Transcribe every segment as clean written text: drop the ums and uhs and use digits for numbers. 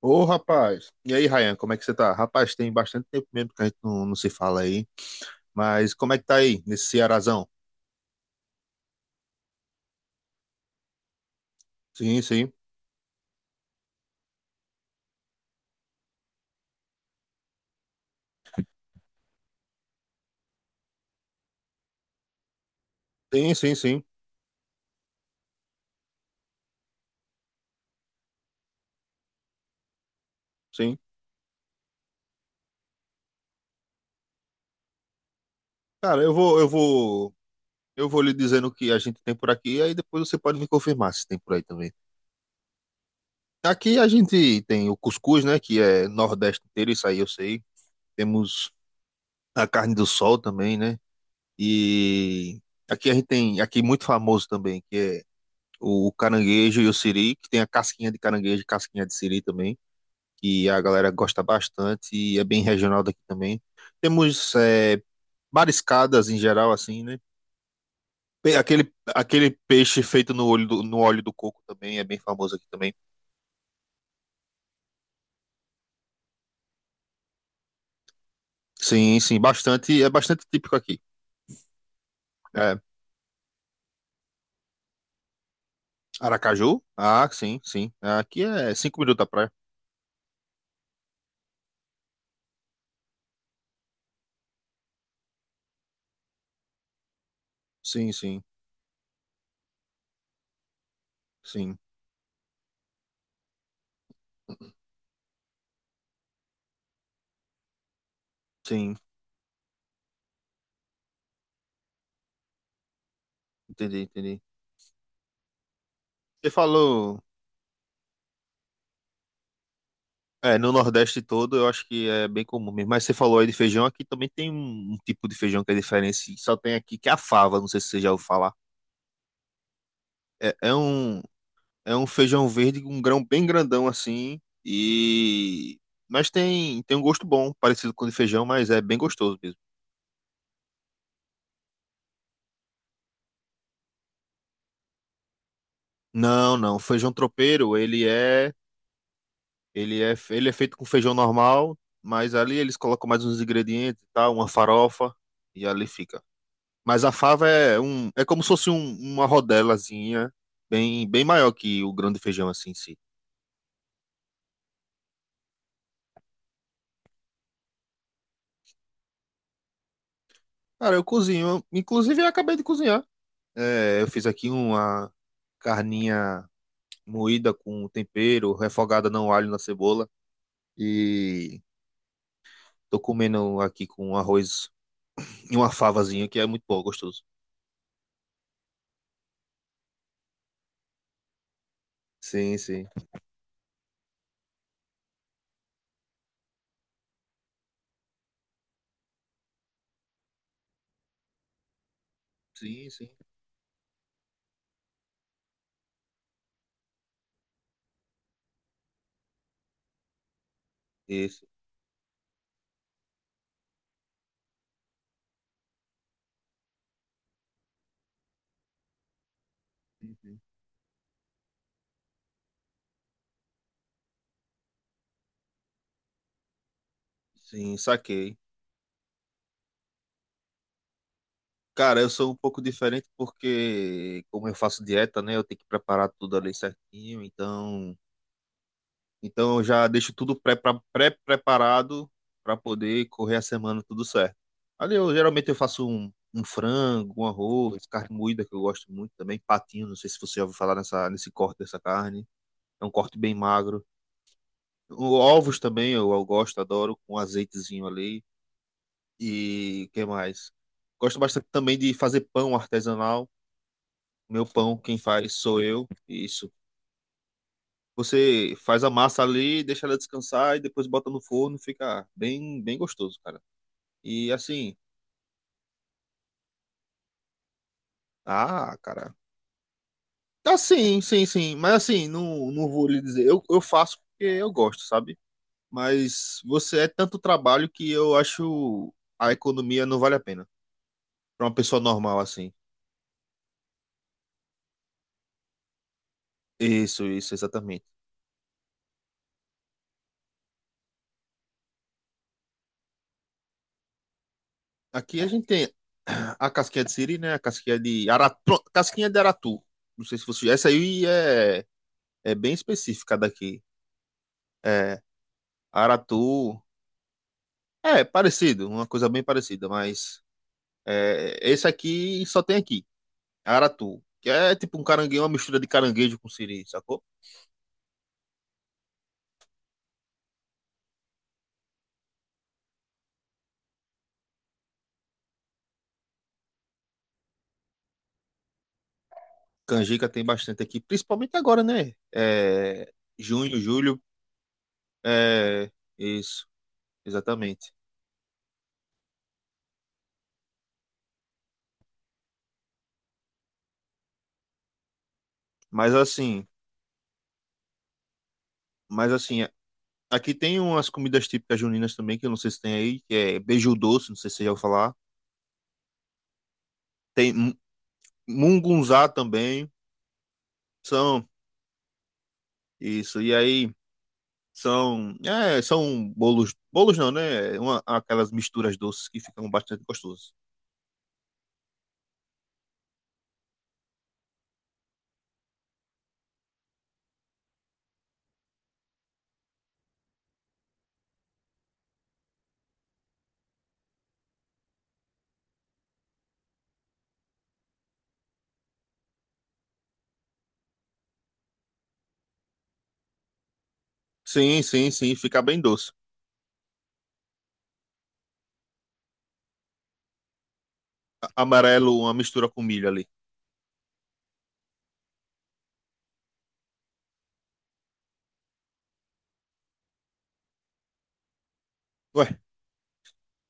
Ô, rapaz. E aí, Ryan, como é que você tá? Rapaz, tem bastante tempo mesmo que a gente não se fala aí. Mas como é que tá aí, nesse Cearazão? Sim, sim. Sim, sim, sim, sim. Cara, eu vou lhe dizendo o que a gente tem por aqui, e aí depois você pode me confirmar se tem por aí também. Aqui a gente tem o cuscuz, né, que é nordeste inteiro, isso aí eu sei. Temos a carne do sol também, né? E aqui a gente tem, aqui muito famoso também, que é o caranguejo e o siri, que tem a casquinha de caranguejo e casquinha de siri também, que a galera gosta bastante e é bem regional daqui também. Temos é, mariscadas em geral, assim, né? Aquele, aquele peixe feito no no óleo do coco também é bem famoso aqui também. Sim, sim, bastante, é bastante típico aqui. É, Aracaju? Ah, sim, sim. Aqui é cinco minutos da praia. Sim, sim, sim, sim. Entendi, entendi. Você falou. É, no Nordeste todo eu acho que é bem comum mesmo. Mas você falou aí de feijão, aqui também tem um tipo de feijão que é diferente, e só tem aqui que é a fava, não sei se você já ouviu falar. É, é um, é um feijão verde com um grão bem grandão assim, e... Mas tem, tem um gosto bom, parecido com o de feijão, mas é bem gostoso mesmo. Não, não, o feijão tropeiro, ele é feito com feijão normal, mas ali eles colocam mais uns ingredientes e tal, uma farofa, e ali fica. Mas a fava é um, é como se fosse uma rodelazinha bem, bem maior que o grão de feijão assim em si. Cara, eu cozinho, inclusive eu acabei de cozinhar. É, eu fiz aqui uma carninha moída com tempero, refogada no alho e na cebola e tô comendo aqui com arroz e uma favazinha que é muito bom, gostoso. Sim, sim. Sim, sim. Isso. Uhum. Sim, saquei. Cara, eu sou um pouco diferente porque, como eu faço dieta, né, eu tenho que preparar tudo ali certinho, então, então eu já deixo tudo pré-preparado para poder correr a semana tudo certo. Ali eu geralmente eu faço um frango, um arroz, carne moída que eu gosto muito também, patinho, não sei se você já ouviu falar nesse corte dessa carne, é um corte bem magro. Ovos também eu gosto, adoro, com azeitezinho ali. E o que mais? Gosto bastante também de fazer pão artesanal. Meu pão, quem faz sou eu. Isso. Você faz a massa ali, deixa ela descansar e depois bota no forno, fica bem, bem gostoso, cara. E assim, ah, cara. Tá sim, sim, sim. Mas assim, não, não vou lhe dizer. Eu faço porque eu gosto, sabe? Mas você é tanto trabalho que eu acho a economia não vale a pena. Pra uma pessoa normal assim. Isso, exatamente. Aqui a gente tem a casquinha de siri, né? A casquinha de aratu. Não sei se você. Essa aí é bem específica daqui. É, Aratu é parecido, uma coisa bem parecida, mas é, esse aqui só tem aqui, Aratu, que é tipo um caranguejo, uma mistura de caranguejo com siri, sacou? Canjica tem bastante aqui, principalmente agora, né? É, junho, julho, é isso, exatamente. Mas assim, mas assim, aqui tem umas comidas típicas juninas também, que eu não sei se tem aí, que é beiju doce, não sei se você já ouviu falar. Tem mungunzá também. São isso, e aí são, é, são bolos, bolos não, né? Uma, aquelas misturas doces que ficam bastante gostosas. Sim, sim, sim, fica bem doce. Amarelo, uma mistura com milho ali. Ué,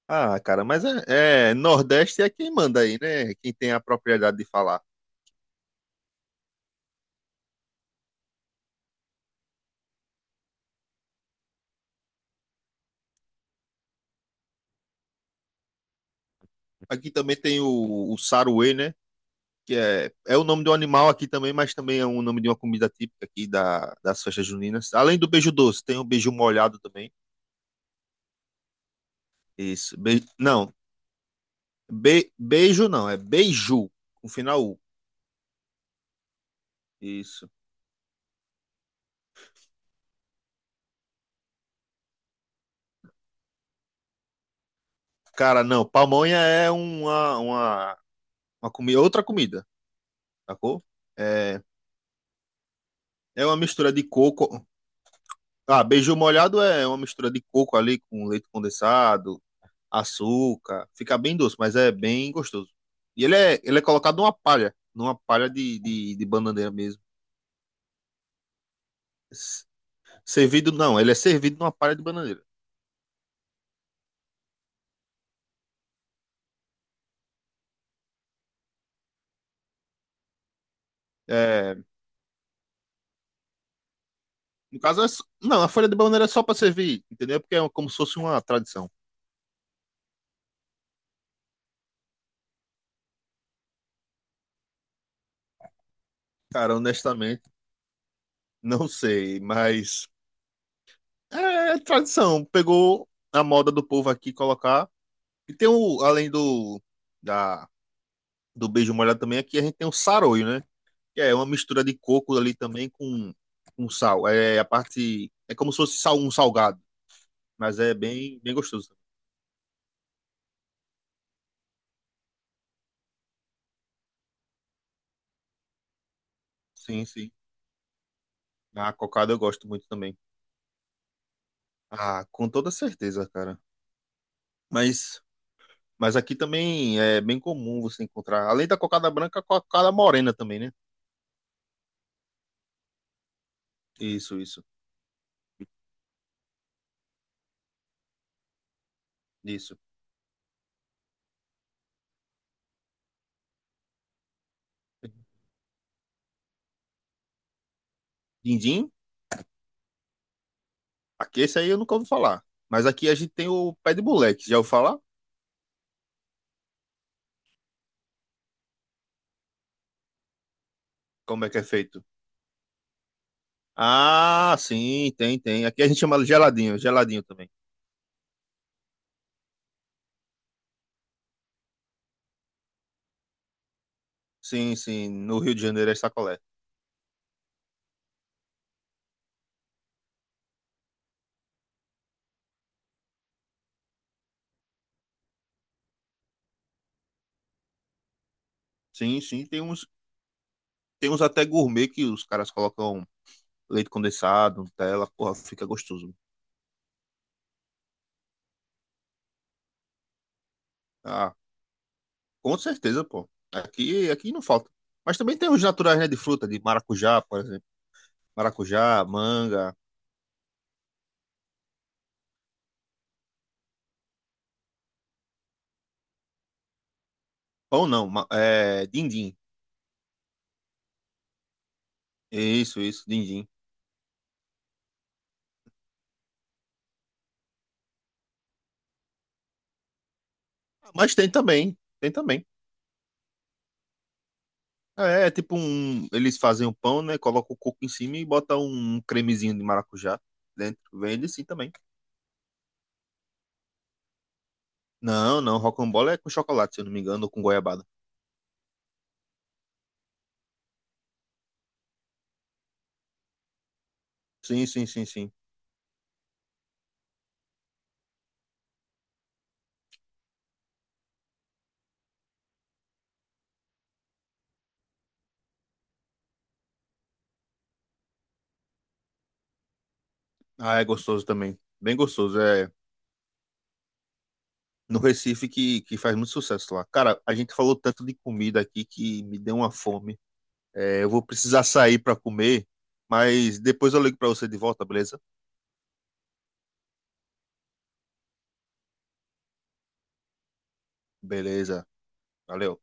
ah, cara, mas é, é, Nordeste é quem manda aí, né? Quem tem a propriedade de falar. Aqui também tem o saruê, né? Que é o nome de um animal aqui também, mas também é o nome de uma comida típica aqui das festas juninas. Além do beijo doce, tem o beijo molhado também. Isso. Beijo não, é beiju, com final U. Isso. Cara, não, pamonha é uma comida, outra comida, sacou? É, é uma mistura de coco. Ah, beiju molhado é uma mistura de coco ali com leite condensado, açúcar. Fica bem doce, mas é bem gostoso. E ele é colocado numa palha de bananeira mesmo. S- Servido, não, ele é servido numa palha de bananeira. É, no caso, não, a folha de bananeira é só para servir, entendeu? Porque é como se fosse uma tradição. Cara, honestamente, não sei, mas é, é tradição. Pegou a moda do povo aqui colocar. E tem o, da, do beijo molhado também, aqui a gente tem o saroio, né? Que é uma mistura de coco ali também com sal. É a parte. É como se fosse sal, um salgado, mas é bem, bem gostoso. Sim, sim. A cocada eu gosto muito também. Ah, com toda certeza, cara. Mas. Mas aqui também é bem comum você encontrar, além da cocada branca, a cocada morena também, né? Isso, isso, isso. Dindim? Aqui esse aí eu nunca ouvi falar. Mas aqui a gente tem o pé de moleque. Já ouviu falar? Como é que é feito? Ah, sim, tem, tem. Aqui a gente chama de geladinho, geladinho também. Sim, sim. No Rio de Janeiro é sacolé. Sim, sim. Tem uns até gourmet que os caras colocam leite condensado, Nutella, porra, fica gostoso. Ah, com certeza, pô. Aqui, aqui não falta. Mas também tem os naturais, né, de fruta, de maracujá, por exemplo. Maracujá, manga. Pão não, é dindim. Isso, dindim. Mas tem também, tem também. É, é tipo um, eles fazem o pão, né, colocam o coco em cima e botam um cremezinho de maracujá dentro. Vende sim também. Não, não, rocambole é com chocolate, se eu não me engano, ou com goiabada. Sim, sim, sim, sim. Ah, é gostoso também. Bem gostoso. É no Recife que faz muito sucesso lá. Cara, a gente falou tanto de comida aqui que me deu uma fome. É, eu vou precisar sair para comer, mas depois eu ligo para você de volta, beleza? Beleza. Valeu.